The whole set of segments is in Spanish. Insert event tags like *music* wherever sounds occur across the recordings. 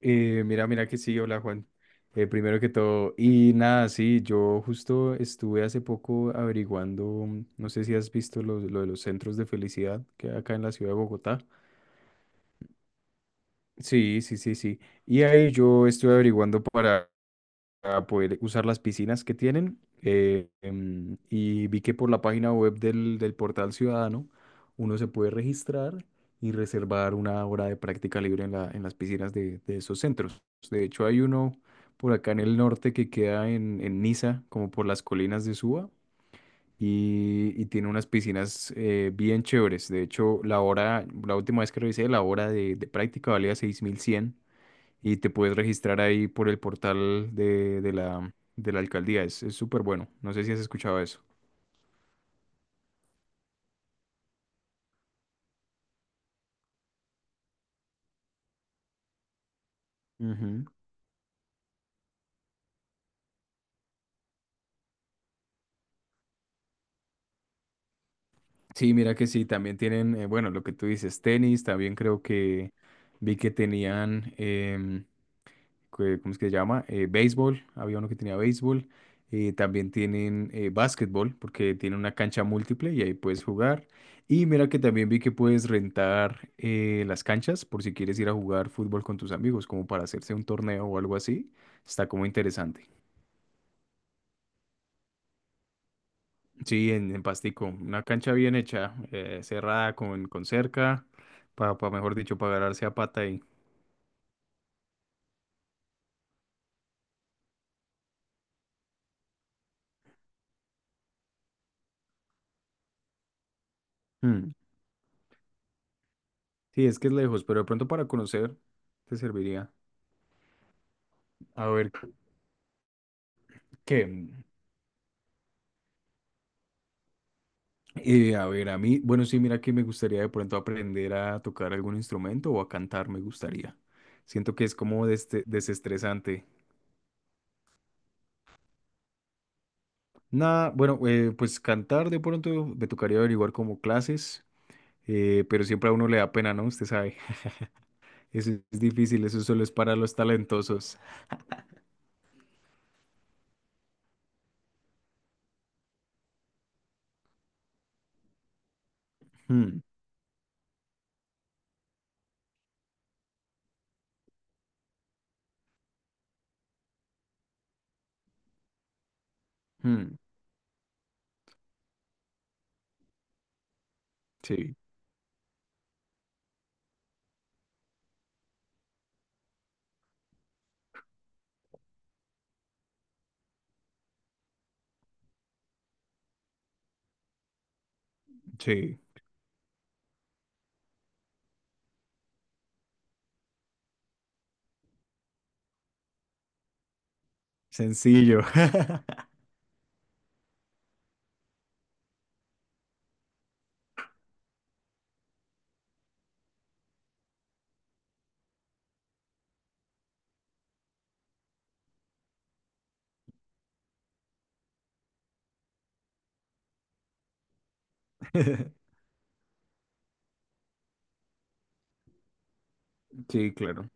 Mira, mira que sí, hola Juan. Primero que todo, y nada, sí, yo justo estuve hace poco averiguando, no sé si has visto lo de los centros de felicidad que hay acá en la ciudad de Bogotá. Sí, sí, sí, sí. Y ahí yo estuve averiguando para poder usar las piscinas que tienen. Y vi que por la página web del portal Ciudadano uno se puede registrar y reservar una hora de práctica libre en en las piscinas de esos centros. De hecho, hay uno por acá en el norte que queda en, Niza, como por las colinas de Suba. Y, tiene unas piscinas bien chéveres. De hecho, la hora, la última vez que revisé, la hora de práctica valía 6.100 y te puedes registrar ahí por el portal de la alcaldía. Es súper bueno. No sé si has escuchado eso. Ujú. Sí, mira que sí, también tienen, bueno, lo que tú dices, tenis, también creo que vi que tenían, ¿cómo es que se llama? Béisbol, había uno que tenía béisbol. También tienen básquetbol, porque tiene una cancha múltiple y ahí puedes jugar. Y mira que también vi que puedes rentar las canchas por si quieres ir a jugar fútbol con tus amigos, como para hacerse un torneo o algo así. Está como interesante. Sí, en, Pastico, una cancha bien hecha, cerrada con, cerca, para, mejor dicho, para agarrarse a pata ahí. Mm, sí, es que es lejos, pero de pronto para conocer te serviría. A ver, ¿qué? A ver, a mí, bueno, sí, mira que me gustaría de pronto aprender a tocar algún instrumento o a cantar, me gustaría. Siento que es como desestresante. Nada, bueno, pues cantar de pronto me tocaría averiguar como clases, pero siempre a uno le da pena, ¿no? Usted sabe, *laughs* eso es difícil, eso solo es para los talentosos. Mm, mm, sí, sí, sencillo. *laughs* Sí, claro.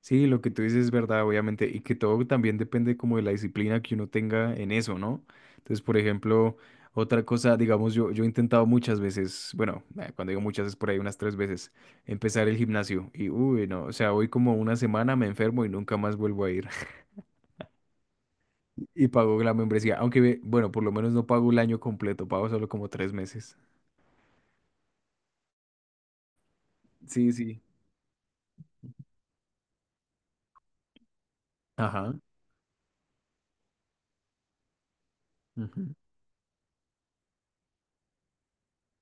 Sí, lo que tú dices es verdad, obviamente, y que todo también depende como de la disciplina que uno tenga en eso, ¿no? Entonces, por ejemplo, otra cosa, digamos, yo he intentado muchas veces, bueno, cuando digo muchas es por ahí unas tres veces, empezar el gimnasio y, uy, no, o sea, voy como una semana, me enfermo y nunca más vuelvo a ir. *laughs* Y pago la membresía, aunque, bueno, por lo menos no pago el año completo, pago solo como 3 meses. Sí, sí. Ajá. Ujú,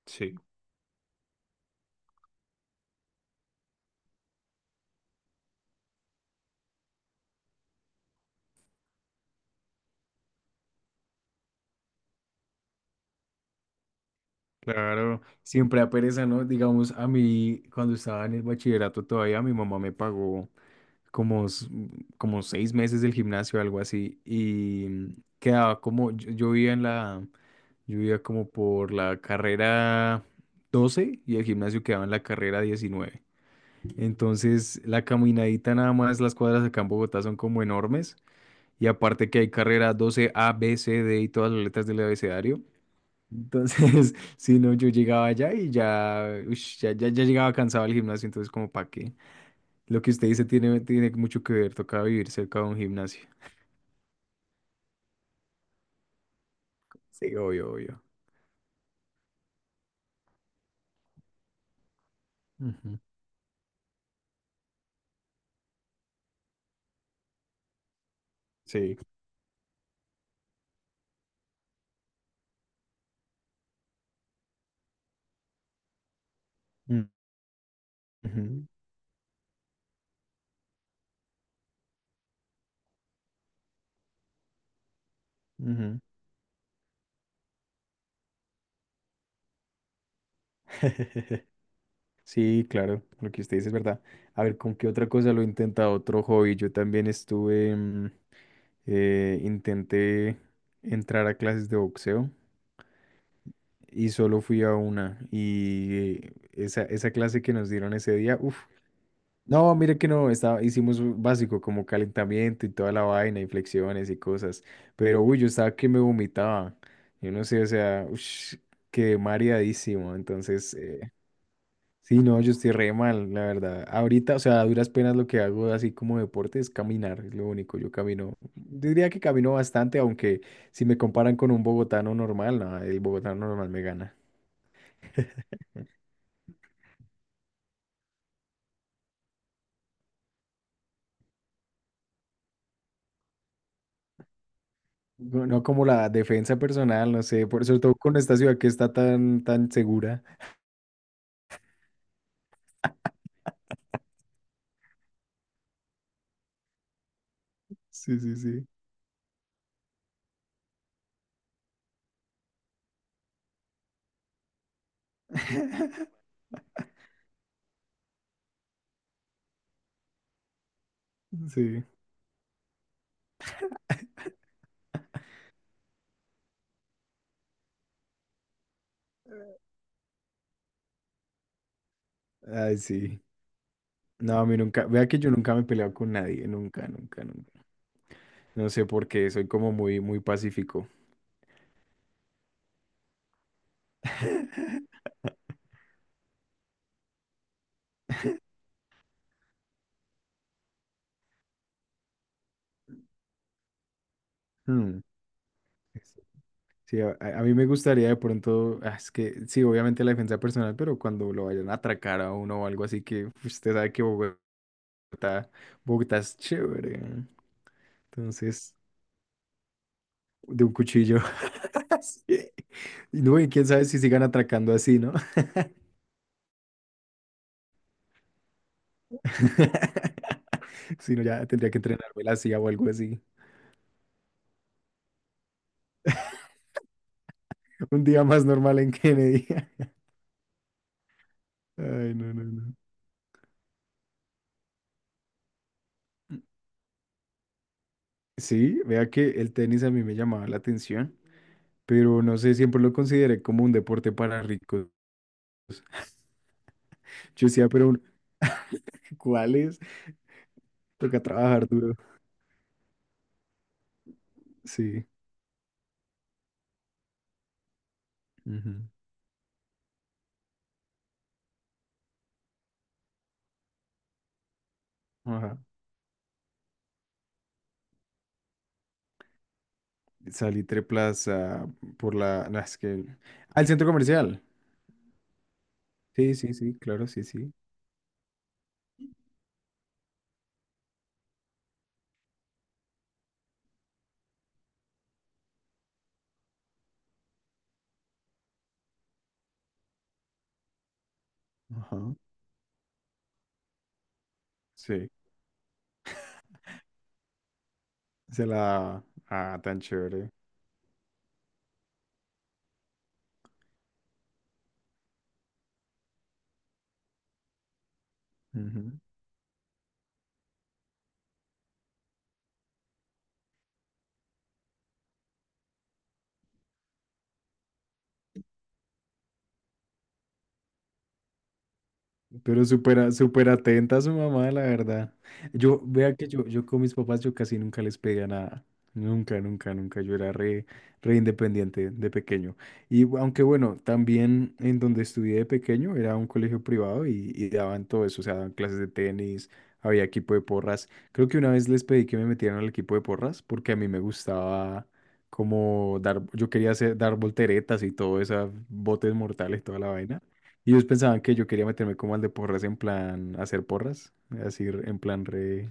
sí. Claro, siempre a pereza, ¿no? Digamos, a mí, cuando estaba en el bachillerato todavía, mi mamá me pagó como, s- como 6 meses del gimnasio, algo así, y quedaba como, yo vivía como por la carrera 12 y el gimnasio quedaba en la carrera 19. Entonces, la caminadita nada más, las cuadras acá en Bogotá son como enormes, y aparte que hay carrera 12 A, B, C, D y todas las letras del abecedario. Entonces, *laughs* si no, yo llegaba allá y ya llegaba cansado al gimnasio, entonces como para qué. Lo que usted dice tiene mucho que ver, toca vivir cerca de un gimnasio. Sí, obvio, obvio. Ujú, sí. Mm, ujú, ujú. Sí, claro, lo que usted dice es verdad. A ver, ¿con qué otra cosa lo he intentado? Otro hobby. Yo también estuve, intenté entrar a clases de boxeo y solo fui a una. Y esa clase que nos dieron ese día, uff. No, mire que no, estaba, hicimos un básico como calentamiento y toda la vaina y flexiones y cosas, pero uy, yo estaba que me vomitaba, yo no sé, o sea, quedé mareadísimo, entonces, sí, no, yo estoy re mal, la verdad. Ahorita, o sea, a duras penas lo que hago así como deporte es caminar, es lo único, yo camino, diría que camino bastante, aunque si me comparan con un bogotano normal, no, el bogotano normal me gana. No, no como la defensa personal, no sé, por sobre todo con esta ciudad que está tan, tan segura. Sí, sí, sí. *laughs* Sí. Ay, sí. No, a mí nunca, vea que yo nunca me he peleado con nadie, nunca, nunca, nunca. No sé por qué, soy como muy, muy pacífico. *laughs* Hmm. Sí, a mí me gustaría de pronto, ah, es que sí, obviamente la defensa personal, pero cuando lo vayan a atracar a uno o algo así, que pues, usted sabe que Bogotá es chévere, ¿no? Entonces, de un cuchillo. *laughs* Sí. Y no, y quién sabe si sigan atracando así, ¿no? *laughs* Si no, ya tendría que entrenarme la CIA o algo así. *laughs* Un día más normal en Kennedy. *laughs* Ay, no, no, no. Sí, vea que el tenis a mí me llamaba la atención, pero no sé, siempre lo consideré como un deporte para ricos. Yo decía, pero *laughs* ¿cuál es? Toca trabajar duro. Sí. Ujú, ajá. Salitre Plaza por la, no, es que. Al centro comercial. Sí, sí, sí, claro, sí, sí. Ajá. Sí. Se la. Ah, tan chévere. Ujú. Pero súper, súper atenta a su mamá, la verdad. Vea que yo con mis papás yo casi nunca les pedía nada. Nunca, nunca, nunca. Yo era re, re independiente de pequeño. Y aunque bueno, también en donde estudié de pequeño era un colegio privado y, daban todo eso. O sea, daban clases de tenis, había equipo de porras. Creo que una vez les pedí que me metieran al equipo de porras porque a mí me gustaba como dar, yo quería hacer, dar volteretas y todo eso, botes mortales, toda la vaina. Y ellos pensaban que yo quería meterme como al de porras en plan hacer porras, así en plan re.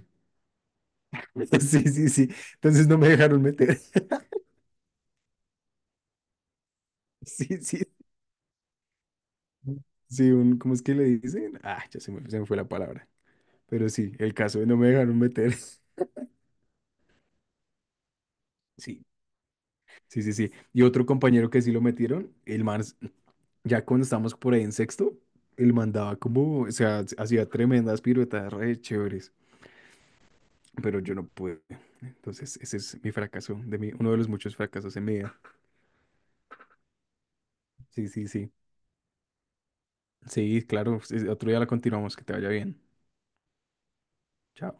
*laughs* Sí, sí, sí. Entonces no me dejaron meter. *laughs* Sí, sí. Sí, ¿cómo es que le dicen? Ah, ya se me fue la palabra. Pero sí, el caso no me dejaron meter. *laughs* Sí, sí, sí, sí. Y otro compañero que sí lo metieron, el man, ya cuando estábamos por ahí en sexto, el man daba como, o sea, hacía tremendas piruetas re chéveres, pero yo no pude. Entonces, ese es mi fracaso, de mí, uno de los muchos fracasos en mi vida. Sí, sí, sí. Sí, claro. Sí, otro día la continuamos. Que te vaya bien. Chao.